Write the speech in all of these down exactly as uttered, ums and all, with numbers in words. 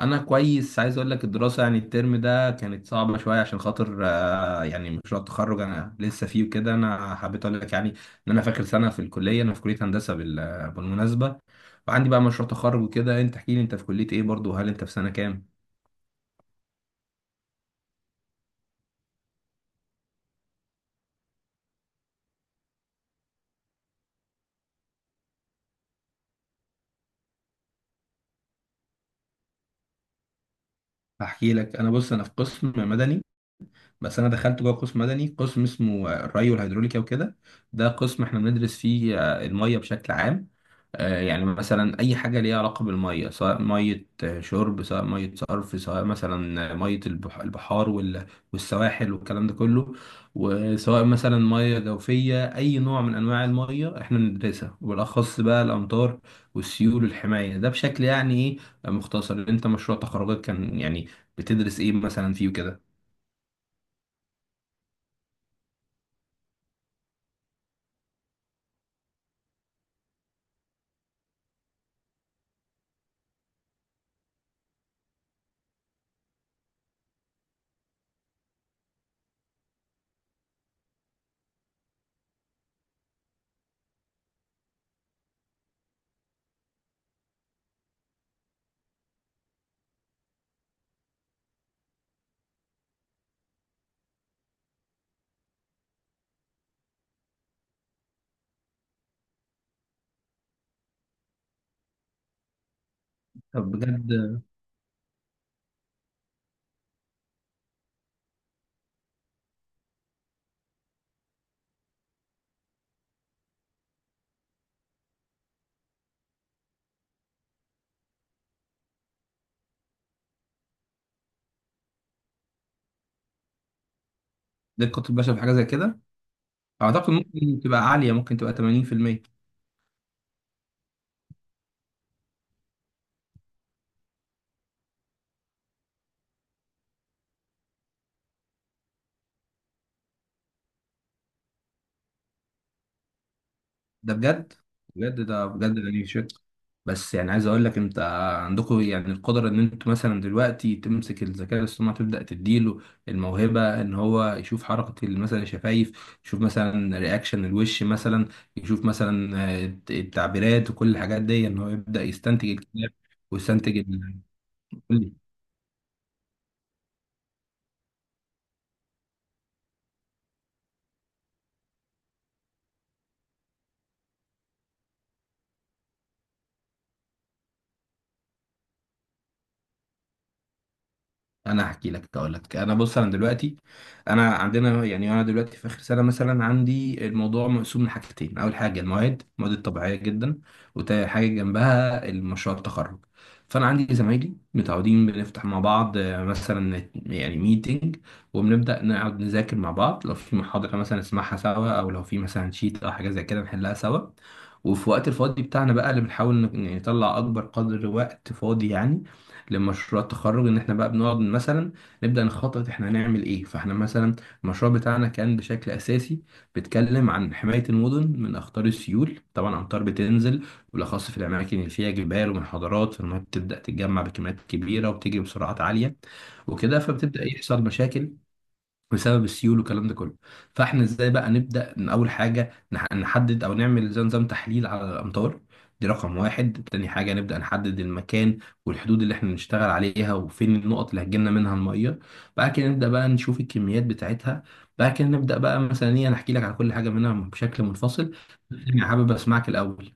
انا كويس. عايز اقول لك الدراسه يعني الترم ده كانت صعبه شويه عشان خاطر آه، يعني مشروع التخرج انا لسه فيه وكده. انا حبيت اقول لك يعني ان انا فاكر سنه في الكليه. انا في كليه هندسه بال- بالمناسبه، وعندي بقى مشروع تخرج وكده. انت احكي لي، انت في كليه ايه برضو؟ وهل انت في سنه كام؟ هحكي لك. انا بص، انا في قسم مدني. بس انا دخلت جوه قسم مدني، قسم اسمه آه، الري والهيدروليكا وكده. ده قسم احنا بندرس فيه آه، الميه بشكل عام. آه، يعني مثلا اي حاجه ليها علاقه بالميه، سواء ميه آه، شرب، سواء ميه صرف، سواء مثلا آه، ميه البح- البحار وال- والسواحل والكلام ده كله. وسواء مثلا ميه جوفيه، اي نوع من انواع الميه احنا بندرسها، وبالاخص بقى الامطار والسيول والحمايه. ده بشكل يعني ايه، مختصر. انت مشروع تخرجك كان يعني بتدرس ايه مثلا فيه وكده؟ طب بجد؟ زي القطب البشري في حاجه زي كده؟ اعتقد ممكن تبقى عاليه، ممكن تبقى ثمانين في المية. ده بجد. بجد ده بجد ده نيشت. بس يعني عايز اقول لك انت، عندكم يعني القدره ان انتوا مثلا دلوقتي تمسك الذكاء الاصطناعي تبدا تديله الموهبه ان هو يشوف حركه ال- مثلا الشفايف، يشوف مثلا رياكشن الوش، مثلا يشوف مثلا آه، التعبيرات وكل الحاجات دي، ان هو يبدا يستنتج الكلام ويستنتج ال- قول لي. انا هحكي لك. اقول لك، انا بص انا دلوقتي، انا عندنا يعني انا دلوقتي في اخر سنه. مثلا عندي الموضوع مقسوم لحاجتين: اول حاجه المواد، المواد الطبيعيه جدا، وتاني حاجه جنبها المشروع التخرج. فانا عندي زمايلي متعودين بنفتح مع بعض آه، مثلا يعني ميتنج، وبنبدا نقعد نذاكر مع بعض. لو في محاضره مثلا نسمعها سوا، او لو في مثلا شيت او حاجه زي كده نحلها سوا. وفي وقت الفاضي بتاعنا بقى، اللي بنحاول ن- يعني نطلع اكبر قدر وقت فاضي يعني لمشروع التخرج، ان احنا بقى بنقعد مثلا نبدأ نخطط احنا هنعمل ايه. فاحنا مثلا المشروع بتاعنا كان بشكل اساسي بيتكلم عن حماية المدن من اخطار السيول. طبعا امطار بتنزل بالاخص في الاماكن اللي فيها جبال ومنحدرات، فالمية بتبدأ تتجمع بكميات كبيرة وبتجري بسرعات عالية وكده. فبتبدأ يحصل مشاكل بسبب السيول والكلام ده كله. فاحنا ازاي بقى نبدا؟ ان اول حاجه نح- نحدد او نعمل زي نظام تحليل على الامطار، دي رقم واحد. تاني حاجه نبدا نحدد المكان والحدود اللي احنا نشتغل عليها، وفين النقط اللي هتجيلنا منها الميه. بعد كده نبدا بقى نشوف الكميات بتاعتها. بعد كده نبدا بقى مثلا ايه. انا احكي لك على كل حاجه منها بشكل منفصل، بس انا حابب اسمعك الاول.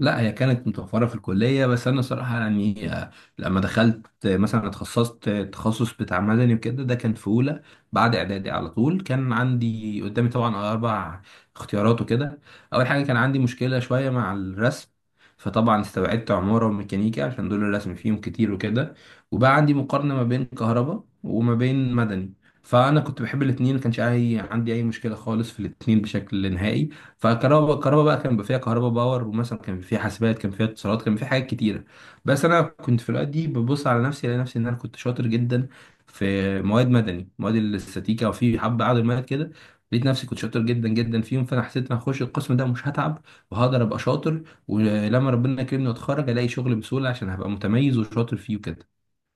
لا، هي كانت متوفرة في الكلية، بس أنا صراحة يعني آه، لما دخلت آه، مثلا اتخصصت آه، التخصص بتاع مدني وكده، ده كان في أولى بعد إعدادي على طول. كان عندي قدامي طبعا أربع اختيارات وكده. أول حاجة كان عندي مشكلة شوية مع الرسم، فطبعا استبعدت عمارة وميكانيكا عشان دول الرسم فيهم كتير وكده. وبقى عندي مقارنة ما بين كهرباء وما بين مدني. فأنا كنت بحب الاتنين، ما كانش أي- عندي أي مشكلة خالص في الاتنين بشكل نهائي. فكهرباء كهرباء بقى كان بيبقى فيها كهرباء باور، ومثلا كان فيها حاسبات، كان فيها اتصالات، كان فيها حاجات كتيره. بس انا كنت في الاوقات دي ببص على نفسي الاقي نفسي ان انا كنت شاطر جدا في مواد مدني، مواد الاستاتيكا، وفي حبه عدد مواد كده لقيت نفسي كنت شاطر جدا جدا فيهم. فانا حسيت ان هخش القسم ده مش هتعب، وهقدر ابقى شاطر، ولما ربنا يكرمني واتخرج الاقي شغل بسهوله عشان هبقى متميز وشاطر فيه وكده.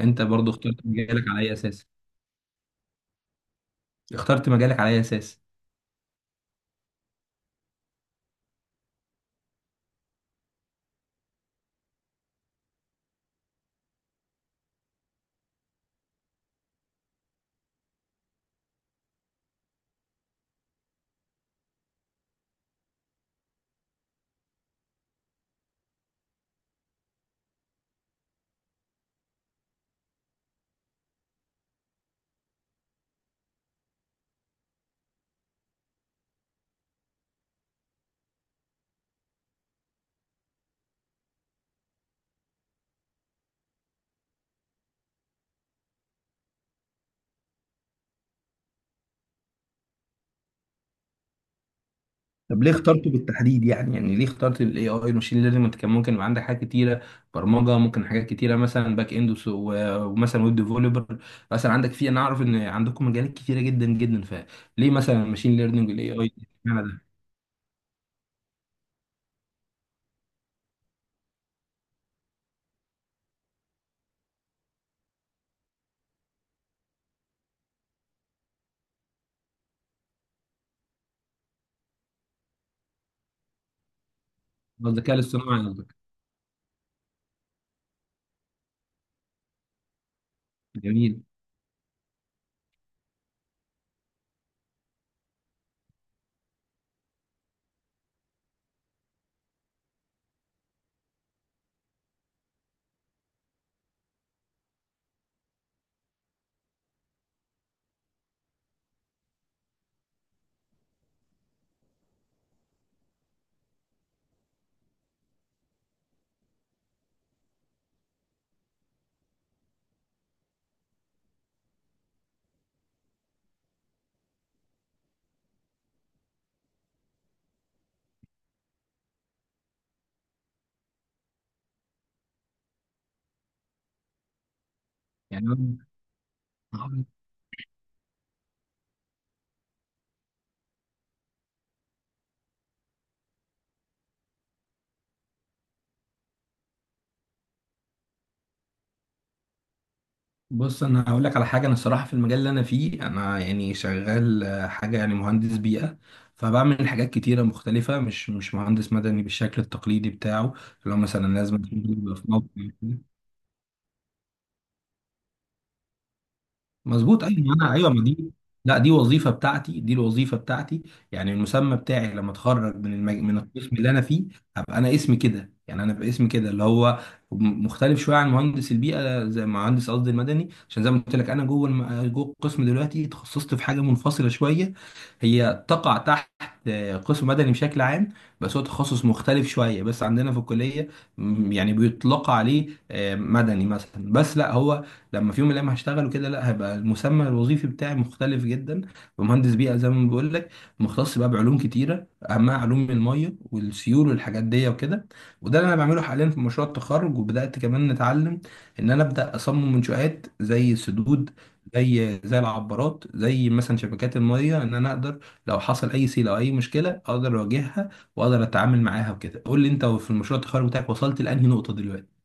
انت برضو اخترت مجالك على اي اساس؟ اخترت مجالك على اي اساس؟ طب ليه اخترته بالتحديد؟ يعني يعني ليه اخترت الاي اي الماشين ليرنينج؟ انت كان ممكن يبقى عندك حاجات كتيره، برمجه، ممكن حاجات كتيره مثلا باك اند وس- و- ومثلا ويب ديفلوبر، مثلا عندك في. انا اعرف ان عندكم مجالات كتيره جدا جدا، فليه مثلا الماشين ليرنينج والاي اي؟ اشمعنى ده؟ هو الذكاء الاصطناعي قصدك؟ جميل. يعني بص انا هقول لك على حاجه، انا الصراحه في المجال اللي انا فيه انا يعني شغال آه، حاجه يعني مهندس بيئه. فبعمل حاجات كتيره مختلفه، مش مش مهندس مدني بالشكل التقليدي بتاعه، اللي هو مثلا لازم يبقى في موقع. مظبوط، ايوه. ما انا ايوه، ما دي لا دي وظيفه بتاعتي، دي الوظيفه بتاعتي. يعني المسمى بتاعي لما اتخرج من المج... من القسم اللي انا فيه هبقى انا اسمي كده. يعني انا باسمي كده اللي هو م- مختلف شويه عن مهندس البيئه، زي مهندس قصدي المدني. عشان زي ما قلت لك انا جوه الم... جوه القسم دلوقتي تخصصت في حاجه منفصله شويه، هي تقع تحت آه، قسم مدني بشكل عام، بس هو تخصص مختلف شويه. بس عندنا في الكليه م، يعني بيطلق عليه آه، مدني مثلا، بس لا هو لما في يوم من الايام هشتغل وكده لا هيبقى المسمى الوظيفي بتاعي مختلف جدا. ومهندس بيئه، زي ما بقول لك، مختص بقى بعلوم كتيره، اهمها علوم الميه والسيول والحاجات دي وكده. وده اللي انا بعمله حاليا في مشروع التخرج. وبدات كمان نتعلم ان انا ابدا اصمم منشآت زي السدود، زي زي العبارات، زي مثلا شبكات الميه، ان انا اقدر لو حصل اي سيل او اي مشكله اقدر اواجهها واقدر اتعامل معاها وكده. قول لي انت، في المشروع التخرج بتاعك وصلت لانهي نقطه دلوقتي؟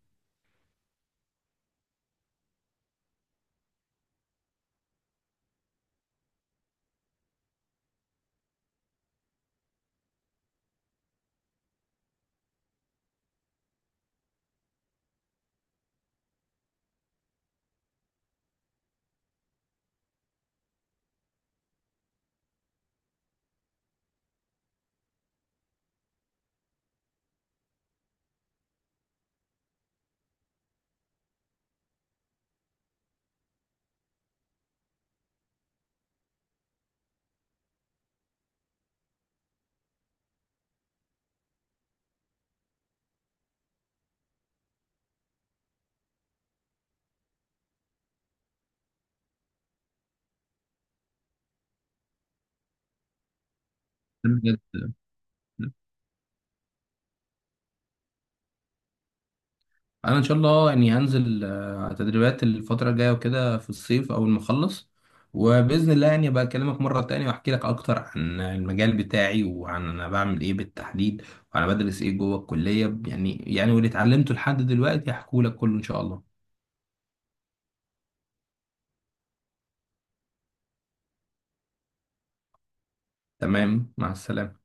بجد؟ انا ان شاء الله يعني هنزل آه، تدريبات الفتره الجايه وكده في الصيف اول ما اخلص. وباذن الله يعني ابقى اكلمك مره تانية واحكي لك اكتر عن المجال بتاعي وعن انا بعمل ايه بالتحديد وانا بدرس ايه جوه الكليه. يعني يعني واللي اتعلمته لحد دلوقتي هحكوا لك كله ان شاء الله. تمام، مع السلامه.